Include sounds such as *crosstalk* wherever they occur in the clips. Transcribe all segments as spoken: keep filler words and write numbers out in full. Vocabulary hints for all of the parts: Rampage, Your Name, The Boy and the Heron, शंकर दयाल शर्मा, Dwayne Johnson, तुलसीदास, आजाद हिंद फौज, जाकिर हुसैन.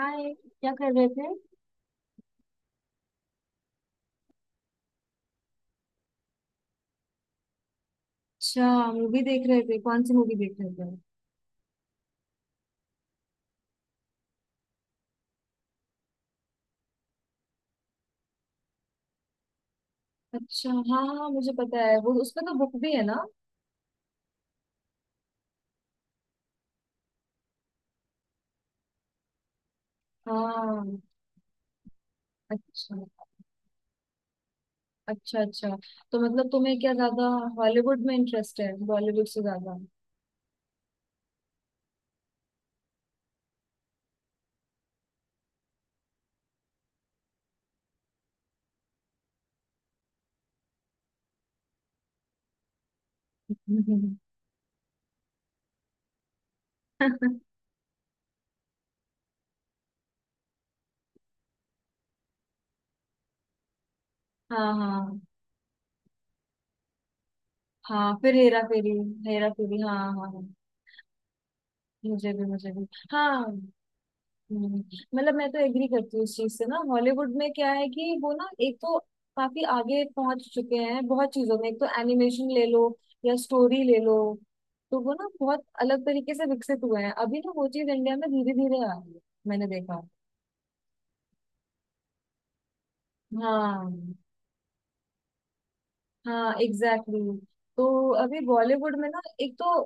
हाय, क्या कर रहे थे? अच्छा, मूवी देख रहे थे? कौन सी मूवी देख रहे थे? अच्छा, हाँ हाँ, मुझे पता है वो। उसमें तो बुक भी है ना? हाँ। अच्छा, अच्छा। अच्छा, तो मतलब तुम्हें क्या ज्यादा हॉलीवुड में इंटरेस्ट है बॉलीवुड से ज्यादा? *laughs* हाँ हाँ। हाँ, फिर हेरा फेरी। हेरा फेरी, हाँ हाँ हाँ। मुझे भी, मुझे भी, हाँ। हम्म। मतलब मैं तो एग्री करती हूँ इस चीज से ना। हॉलीवुड में क्या है कि वो ना एक तो काफी आगे पहुंच चुके हैं बहुत चीजों में। एक तो एनिमेशन ले लो, या स्टोरी ले लो। तो वो ना बहुत अलग तरीके से विकसित हुए हैं। अभी ना वो चीज इंडिया में धीरे धीरे आ रही है, मैंने देखा। हाँ हाँ, एग्जैक्टली exactly। तो अभी बॉलीवुड में ना एक तो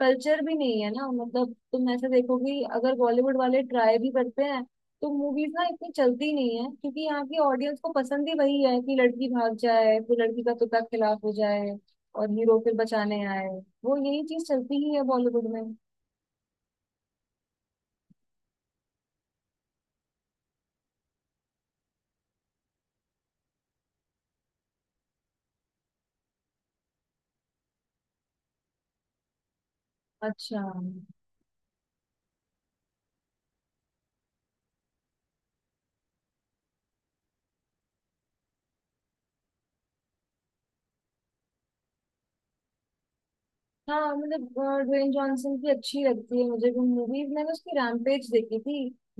कल्चर भी नहीं है ना। मतलब तुम ऐसे देखो कि अगर बॉलीवुड वाले ट्राई भी करते हैं, तो मूवीज ना इतनी चलती नहीं है, क्योंकि यहाँ की ऑडियंस को पसंद ही वही है कि लड़की भाग जाए, फिर लड़की का तुता खिलाफ हो जाए, और हीरो फिर बचाने आए। वो यही चीज चलती ही है बॉलीवुड में। अच्छा, हाँ, मतलब अ, ड्वेन जॉनसन की अच्छी लगती है मुझे भी मूवीज। मैंने उसकी रैम्पेज देखी थी,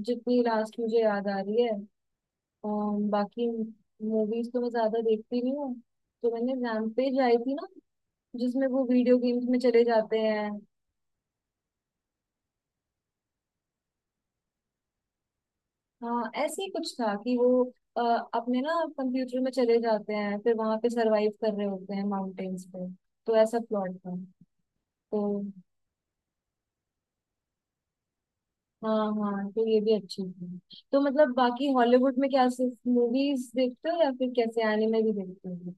जितनी लास्ट मुझे याद आ रही है। अम, बाकी मूवीज तो मैं ज्यादा देखती नहीं हूँ। तो मैंने, रैम्पेज आई थी ना, जिसमें वो वीडियो गेम्स में चले जाते हैं। हाँ, ऐसे ही कुछ था कि वो अ, अपने ना कंप्यूटर में चले जाते हैं, फिर वहां पे सरवाइव कर रहे होते हैं माउंटेन्स पे। तो ऐसा प्लॉट था। तो हाँ हाँ, तो ये भी अच्छी थी। तो मतलब बाकी हॉलीवुड में क्या सिर्फ मूवीज देखते हो या फिर कैसे एनिमे भी देखते हो?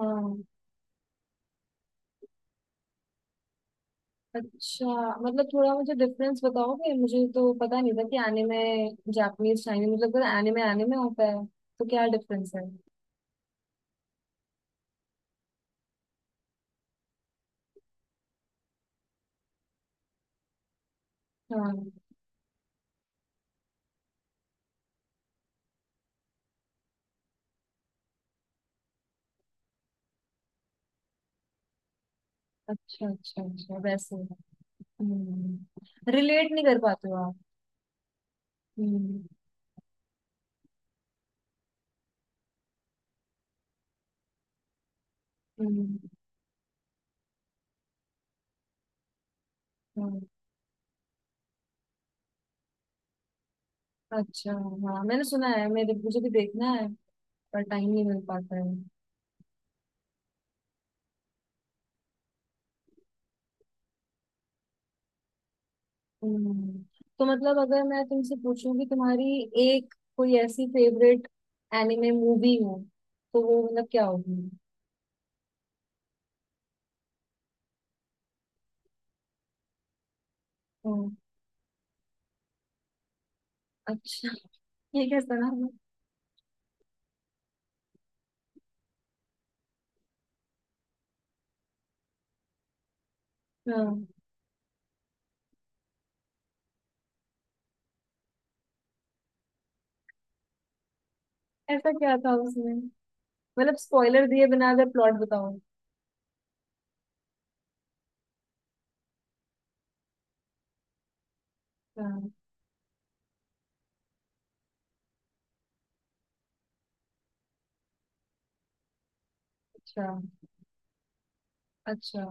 हाँ, अच्छा। मतलब थोड़ा मुझे डिफरेंस बताओगे? मुझे तो पता नहीं था कि एनिमे जापानीज, चाइनीज, मतलब एनिमे एनिमे होता है, तो क्या डिफरेंस है? हाँ, अच्छा अच्छा अच्छा। वैसे, हम्म रिलेट नहीं कर पाते हो आप? हम्म। हम्म। हम्म। अच्छा, हाँ, मैंने सुना है मेरे मुझे भी देखना है। पर टाइम नहीं मिल पाता है। हम्म। तो मतलब अगर मैं तुमसे पूछूं कि तुम्हारी एक कोई ऐसी फेवरेट एनिमे मूवी हो, तो वो मतलब क्या होगी? हम्म। अच्छा, ये कैसा नाम है? हाँ, ऐसा क्या था उसमें? मतलब स्पॉइलर दिए बिना अगर प्लॉट बताओ। हाँ। अच्छा। अच्छा।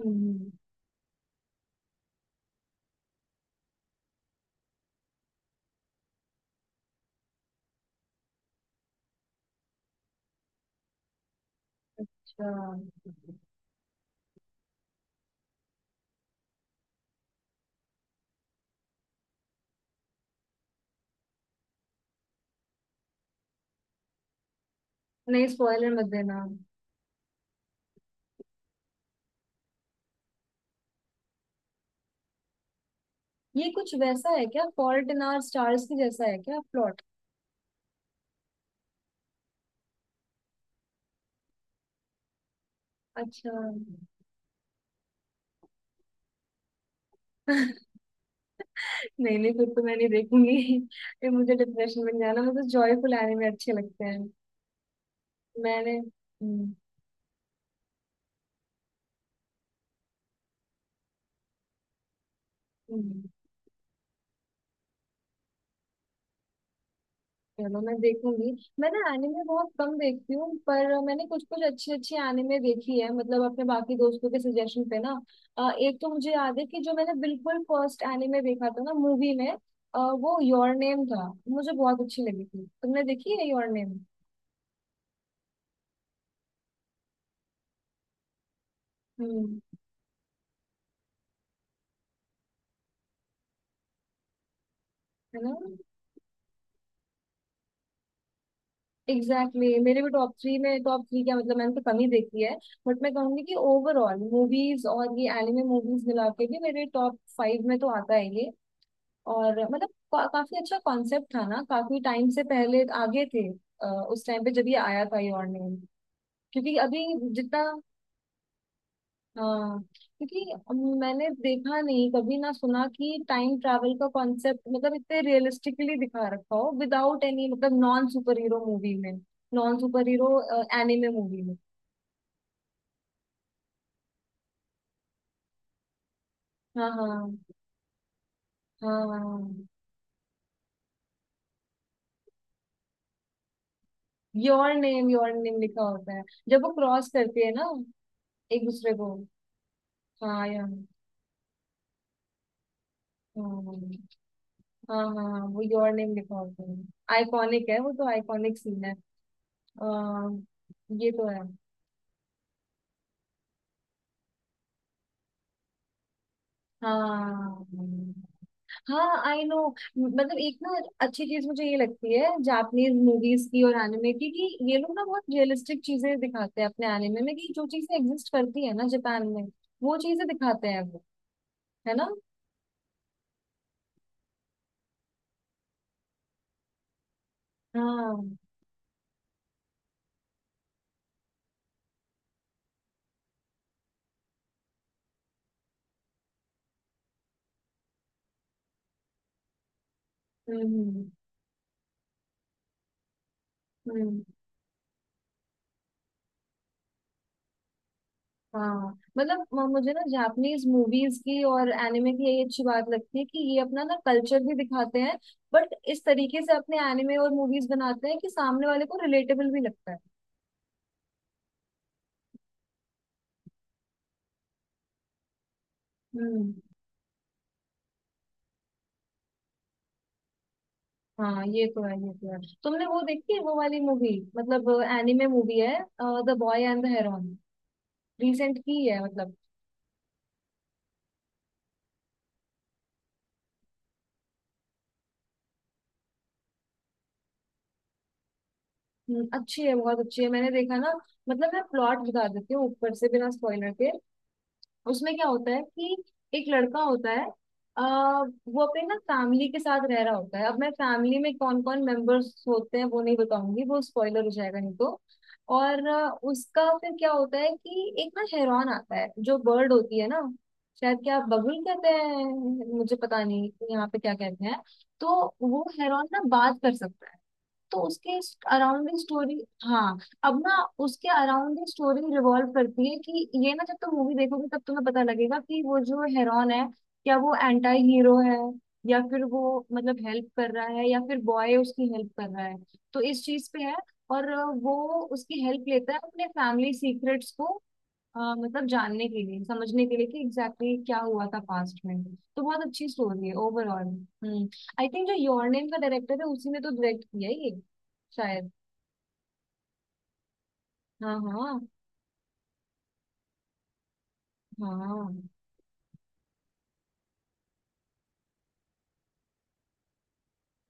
हम्म। अच्छा। नहीं, स्पॉइलर मत देना। ये कुछ वैसा है क्या, फॉल्ट इन आवर स्टार्स की जैसा है क्या प्लॉट? अच्छा। *laughs* नहीं नहीं, फिर तो मैं नहीं देखूंगी। फिर मुझे डिप्रेशन बन जाना। मुझे जॉयफुल एनिमे अच्छे लगते हैं। मैंने हम्म। हम्म। चलो, मैं देखूंगी। मैं ना एनिमे बहुत कम देखती हूँ, पर मैंने कुछ कुछ अच्छी अच्छी एनिमे देखी है, मतलब अपने बाकी दोस्तों के सजेशन पे ना। अ, एक तो मुझे याद है कि जो मैंने बिल्कुल फर्स्ट एनिमे देखा था ना मूवी में, अ, वो योर नेम था। मुझे बहुत अच्छी लगी थी। तुमने देखी है योर नेम? हम्म। है ना? Exactly exactly। मेरे भी टॉप थ्री में। टॉप थ्री क्या, मतलब मैंने तो कम ही देखी है। बट मैं कहूंगी कि ओवरऑल मूवीज और ये एनिमे मूवीज मिला के भी मेरे टॉप फाइव में तो आता है ये। और मतलब का, काफी अच्छा कॉन्सेप्ट था ना, काफी टाइम से पहले आगे थे। अ, उस टाइम पे जब ये आया था ये ऑनलाइन, क्योंकि अभी, जितना। हाँ, क्योंकि मैंने देखा नहीं कभी ना सुना कि टाइम ट्रैवल का कॉन्सेप्ट मतलब इतने रियलिस्टिकली दिखा रखा हो, विदाउट एनी, मतलब नॉन सुपर हीरो मूवी में। Non super hero anime movie में। हाँ हाँ। हाँ। योर नेम, योर नेम लिखा होता है, जब वो क्रॉस करती है ना, एक दूसरे को। हाँ यार। हाँ हाँ हाँ हाँ, वो योर नेम लिखा होता है। आइकॉनिक है वो तो, आइकॉनिक सीन है। आ, ये तो है। हाँ हाँ, आई नो। मतलब एक ना अच्छी चीज मुझे ये लगती है जापानीज मूवीज की और एनिमे की, कि ये लोग ना बहुत रियलिस्टिक चीजें दिखाते हैं अपने एनिमे में, कि जो चीजें एग्जिस्ट करती है ना जापान में, वो चीजें दिखाते हैं वो। है ना? हाँ। हम्म। हम्म। हाँ, मतलब म- मुझे ना जापानीज मूवीज की और एनिमे की यही अच्छी बात लगती है, कि ये अपना ना कल्चर भी दिखाते हैं, बट इस तरीके से अपने एनिमे और मूवीज बनाते हैं कि सामने वाले को रिलेटेबल भी लगता है। हम्म। हाँ, ये तो है, ये तो है। तुमने वो देखी है वो वाली मूवी? मतलब एनिमे मूवी है, The Boy and the Heron. Recent की है मतलब। हम्म, अच्छी है, बहुत अच्छी है, मैंने देखा ना। मतलब मैं प्लॉट बता देती हूँ ऊपर से बिना स्पॉइलर के। उसमें क्या होता है कि एक लड़का होता है। अ, वो अपने ना फैमिली के साथ रह रहा होता है। अब मैं फैमिली में कौन कौन मेंबर्स होते हैं वो नहीं बताऊंगी, वो स्पॉइलर हो जाएगा नहीं तो। और अ, उसका फिर क्या होता है कि एक ना हेरॉन आता है, जो बर्ड होती है ना। शायद क्या बगुल कहते हैं, मुझे पता नहीं यहाँ पे क्या कहते हैं। तो वो हेरॉन ना बात कर सकता है। तो उसके अराउंड ही स्टोरी, हाँ। अब ना उसके अराउंड ही स्टोरी रिवॉल्व करती है, कि ये ना जब तुम मूवी देखोगे तब तुम्हें पता लगेगा कि वो जो हेरॉन है, क्या वो एंटी हीरो है, या फिर वो मतलब हेल्प कर रहा है, या फिर बॉय उसकी हेल्प कर रहा है। तो इस चीज पे है। और अ, वो उसकी हेल्प लेता है अपने फैमिली सीक्रेट्स को, अ, मतलब जानने के लिए, समझने के लिए, कि एग्जैक्टली exactly क्या हुआ था पास्ट में। तो बहुत अच्छी स्टोरी है ओवरऑल। हम्म। आई थिंक जो योर नेम का डायरेक्टर है उसी ने तो डायरेक्ट किया है ये, शायद। हाँ हाँ। हाँ,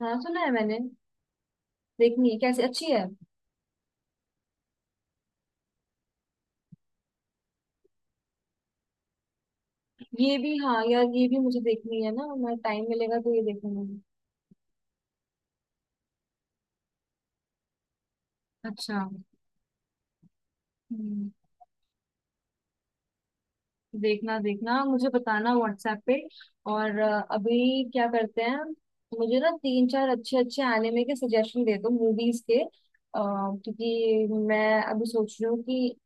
हाँ सुना है मैंने। देखनी है। कैसी अच्छी है? ये भी, हाँ यार, ये भी मुझे देखनी है ना। मैं, टाइम मिलेगा तो ये देखूंगी। अच्छा। हम्म। देखना देखना, मुझे बताना व्हाट्सएप पे। और अ, अभी क्या करते हैं, मुझे ना तीन चार अच्छे अच्छे एनिमे के सजेशन दे दो, मूवीज के। अ, क्योंकि मैं अभी सोच रही हूँ कि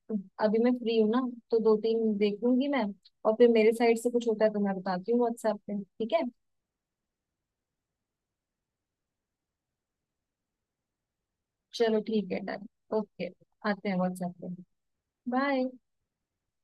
अभी मैं फ्री हूँ ना, तो दो तीन देख लूंगी मैं। और फिर मेरे साइड से कुछ होता है तो मैं बताती हूँ व्हाट्सएप पे, ठीक है? चलो, ठीक है, डन। ओके। आते हैं व्हाट्सएप पे। बाय।